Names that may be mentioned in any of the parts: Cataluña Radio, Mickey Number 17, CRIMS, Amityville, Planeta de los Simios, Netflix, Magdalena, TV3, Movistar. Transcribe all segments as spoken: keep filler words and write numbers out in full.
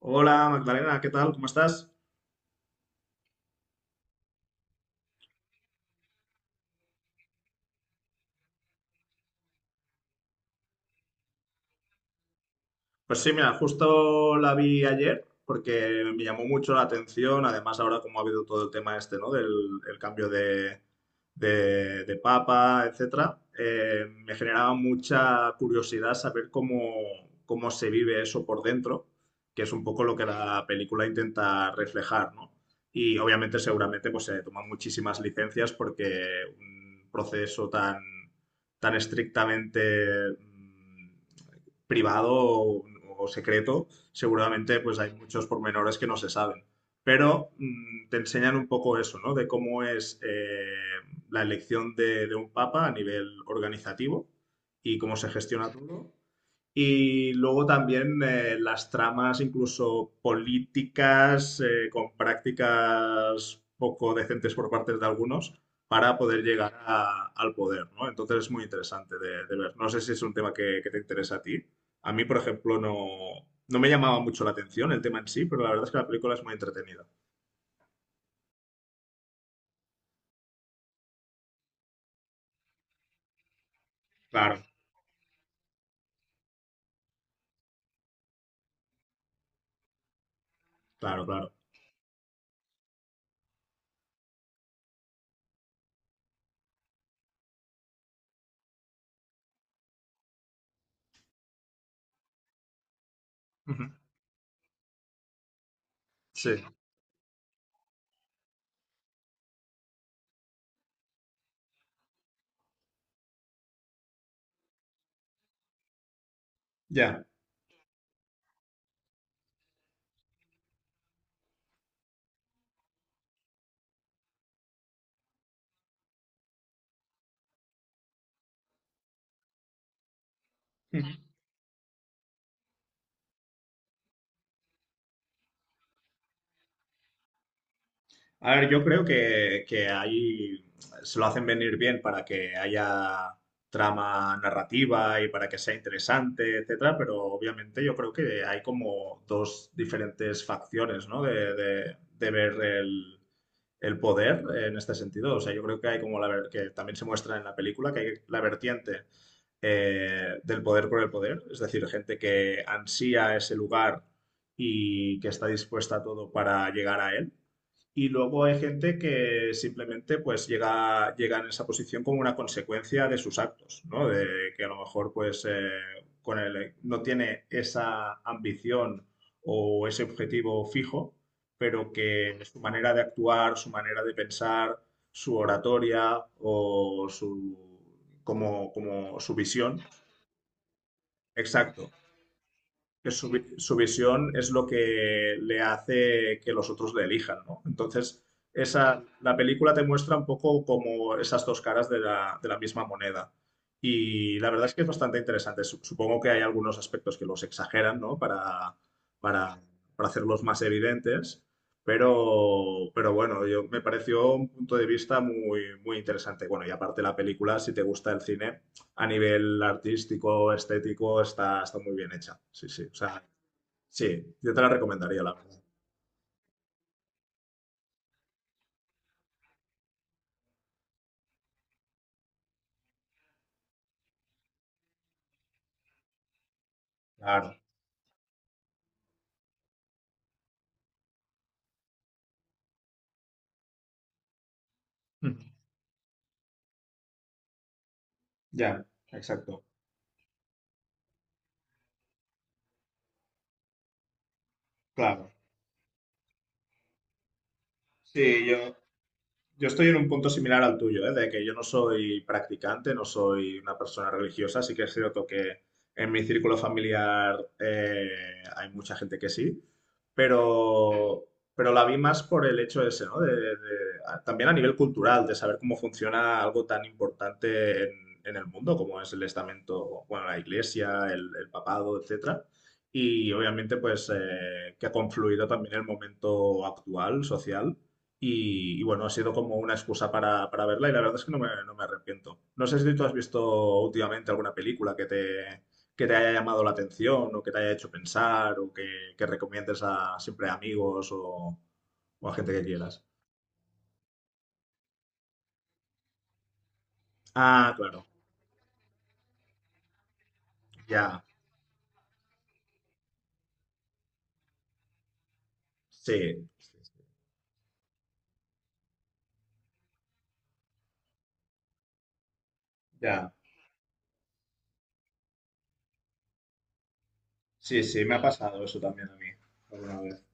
Hola Magdalena, ¿qué tal? ¿Cómo estás? Pues sí, mira, justo la vi ayer porque me llamó mucho la atención, además ahora como ha habido todo el tema este, ¿no? Del el cambio de, de, de papa, etcétera, eh, me generaba mucha curiosidad saber cómo, cómo se vive eso por dentro, que es un poco lo que la película intenta reflejar, ¿no? Y obviamente seguramente pues se toman muchísimas licencias porque un proceso tan, tan estrictamente mm, privado o, o secreto, seguramente pues hay muchos pormenores que no se saben. Pero mm, te enseñan un poco eso, ¿no? De cómo es eh, la elección de, de un papa a nivel organizativo y cómo se gestiona todo y luego también eh, las tramas incluso políticas eh, con prácticas poco decentes por parte de algunos para poder llegar a- al poder, ¿no? Entonces es muy interesante de, de ver. No sé si es un tema que, que te interesa a ti. A mí, por ejemplo, no, no me llamaba mucho la atención el tema en sí, pero la verdad es que la película es muy entretenida. Claro, claro, claro. Ujú. Sí, ya. A ver, yo creo que, que ahí se lo hacen venir bien para que haya trama narrativa y para que sea interesante, etcétera, pero obviamente yo creo que hay como dos diferentes facciones, ¿no? de, de- de ver el, el poder en este sentido. O sea, yo creo que hay como la ver- que también se muestra en la película que hay la vertiente eh, del poder por el poder, es decir, gente que ansía ese lugar y que está dispuesta a todo para llegar a él. Y luego hay gente que simplemente pues llega, llega en esa posición como una consecuencia de sus actos, ¿no? De que a lo mejor pues eh, con el, no tiene esa ambición o ese objetivo fijo, pero que su manera de actuar, su manera de pensar, su oratoria o su, como, como su visión, exacto, que su, vi- su visión es lo que le hace que los otros le elijan, ¿no? Entonces, esa, la película te muestra un poco como esas dos caras de la, de la misma moneda. Y la verdad es que es bastante interesante. Su- Supongo que hay algunos aspectos que los exageran, ¿no? Para, para, para hacerlos más evidentes. Pero, pero bueno, yo, me pareció un punto de vista muy, muy interesante. Bueno, y aparte la película, si te gusta el cine, a nivel artístico, estético, está, está muy bien hecha. Sí, sí. O sea, sí, yo te la recomendaría, la verdad. Claro. Ya, exacto. Claro. Sí, yo, Yo estoy en un punto similar al tuyo, ¿eh? De que yo no soy practicante, no soy una persona religiosa, sí que es cierto que en mi círculo familiar eh, hay mucha gente que sí, pero, pero la vi más por el hecho ese, ¿no? De, de- a- también a nivel cultural, de saber cómo funciona algo tan importante en, en el mundo como es el estamento, bueno, la iglesia, el, el papado, etcétera. Y obviamente, pues, eh, que ha confluido también el momento actual, social y, y bueno, ha sido como una excusa para, para verla y la verdad es que no me, no me arrepiento. No sé si tú has visto últimamente alguna película que te, que te haya llamado la atención o que te haya hecho pensar o que, que recomiendes a siempre a amigos o, o a gente que quieras. Ah, claro, ya, sí, ya. Sí, sí, me ha pasado eso también a mí alguna vez.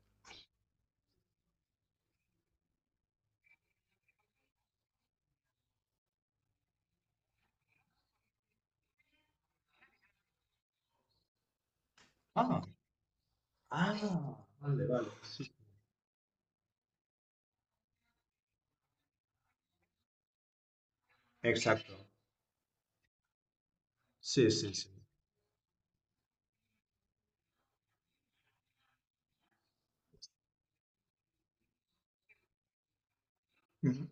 Ah, ah, vale, vale. Exacto. Sí, sí, sí. Ujú,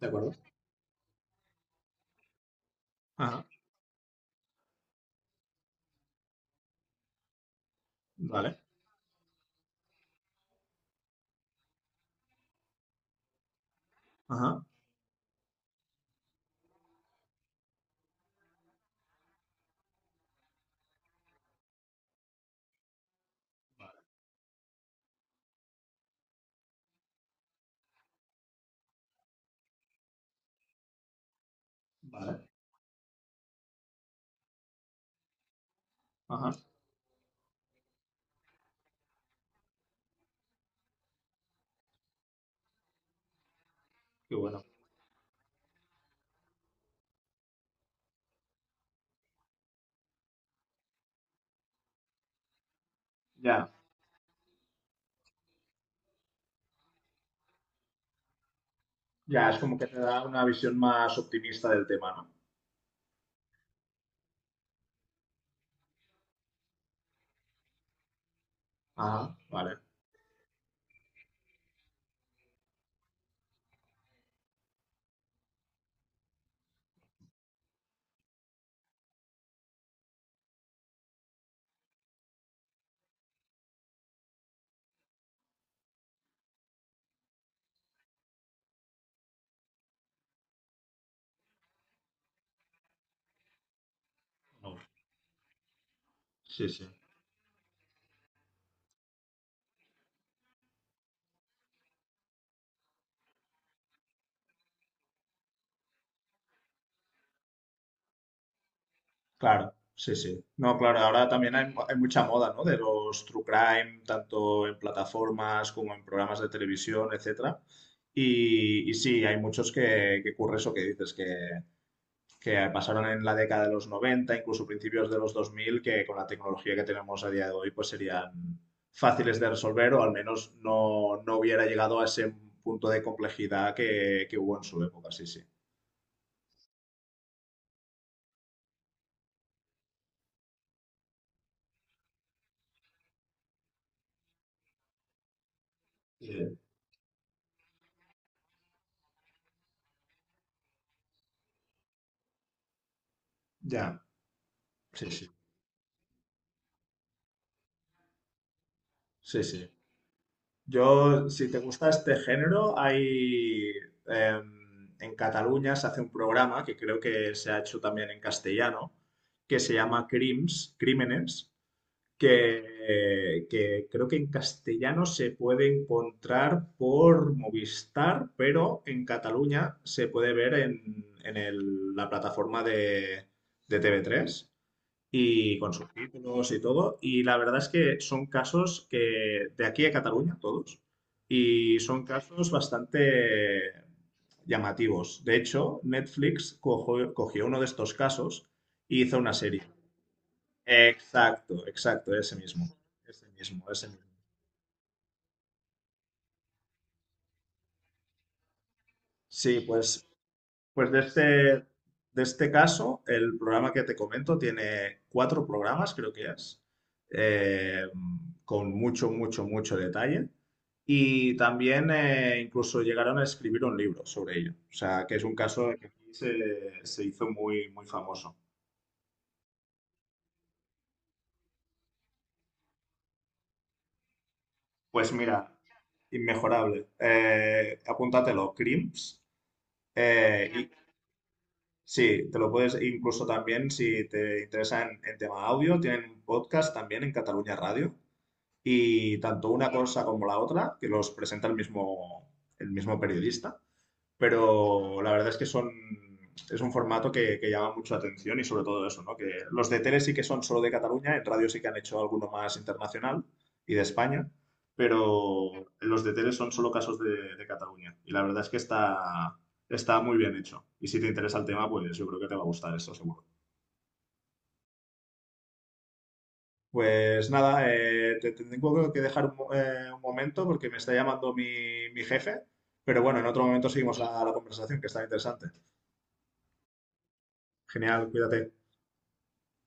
¿de acuerdo? Ajá, vale, ajá, vale, ajá, qué bueno. Ya, ya, es como que te da una visión más optimista del tema, ¿no? Ajá, vale. No, sí, sí. Claro, sí, sí. No, claro, ahora también hay, hay mucha moda, ¿no? De los true crime, tanto en plataformas como en programas de televisión, etcétera. Y, y sí, hay muchos que, que ocurre eso que dices, que, que pasaron en la década de los noventa, incluso principios de los dos mil, que con la tecnología que tenemos a día de hoy pues serían fáciles de resolver o al menos no, no hubiera llegado a ese punto de complejidad que, que hubo en su época, sí, sí. Eh, ya, sí, sí, sí, sí. Yo, si te gusta este género, hay... em, en Cataluña se hace un programa que creo que se ha hecho también en castellano, que se llama Crims, Crímenes, que, que creo que en castellano se puede encontrar por Movistar, pero en Cataluña se puede ver en, en el- la plataforma de, de te ve tres y con subtítulos y todo. Y la verdad es que son casos que de aquí a Cataluña, todos, y son casos bastante llamativos. De hecho, Netflix cojo- cogió uno de estos casos y hizo una serie. Exacto, exacto, ese mismo, ese mismo, ese mismo. Sí, pues, pues de este, de este caso, el programa que te comento tiene cuatro programas, creo que es, eh, con mucho, mucho, mucho detalle. Y también eh, incluso llegaron a escribir un libro sobre ello. O sea, que es un caso que aquí se, se hizo muy, muy famoso. Pues mira, inmejorable. Eh, apúntatelo, CRIMS. eh, Sí, te lo puedes, incluso también si te interesa en, en tema audio, tienen un podcast también en Cataluña Radio y tanto una cosa como la otra, que los presenta el mismo, el mismo periodista, pero la verdad es que son, es un formato que, que llama mucho la atención y sobre todo eso, ¿no? Que los de tele sí que son solo de Cataluña, en radio sí que han hecho alguno más internacional y de España, pero los de tele son solo casos de, de Cataluña y la verdad es que está, está muy bien hecho. Y si te interesa el tema, pues yo creo que te va a gustar esto seguro. Pues nada, eh, te, te tengo que dejar un, mo- eh, un momento porque me está llamando mi, mi jefe, pero bueno, en otro momento seguimos la la conversación que está interesante. Genial, cuídate.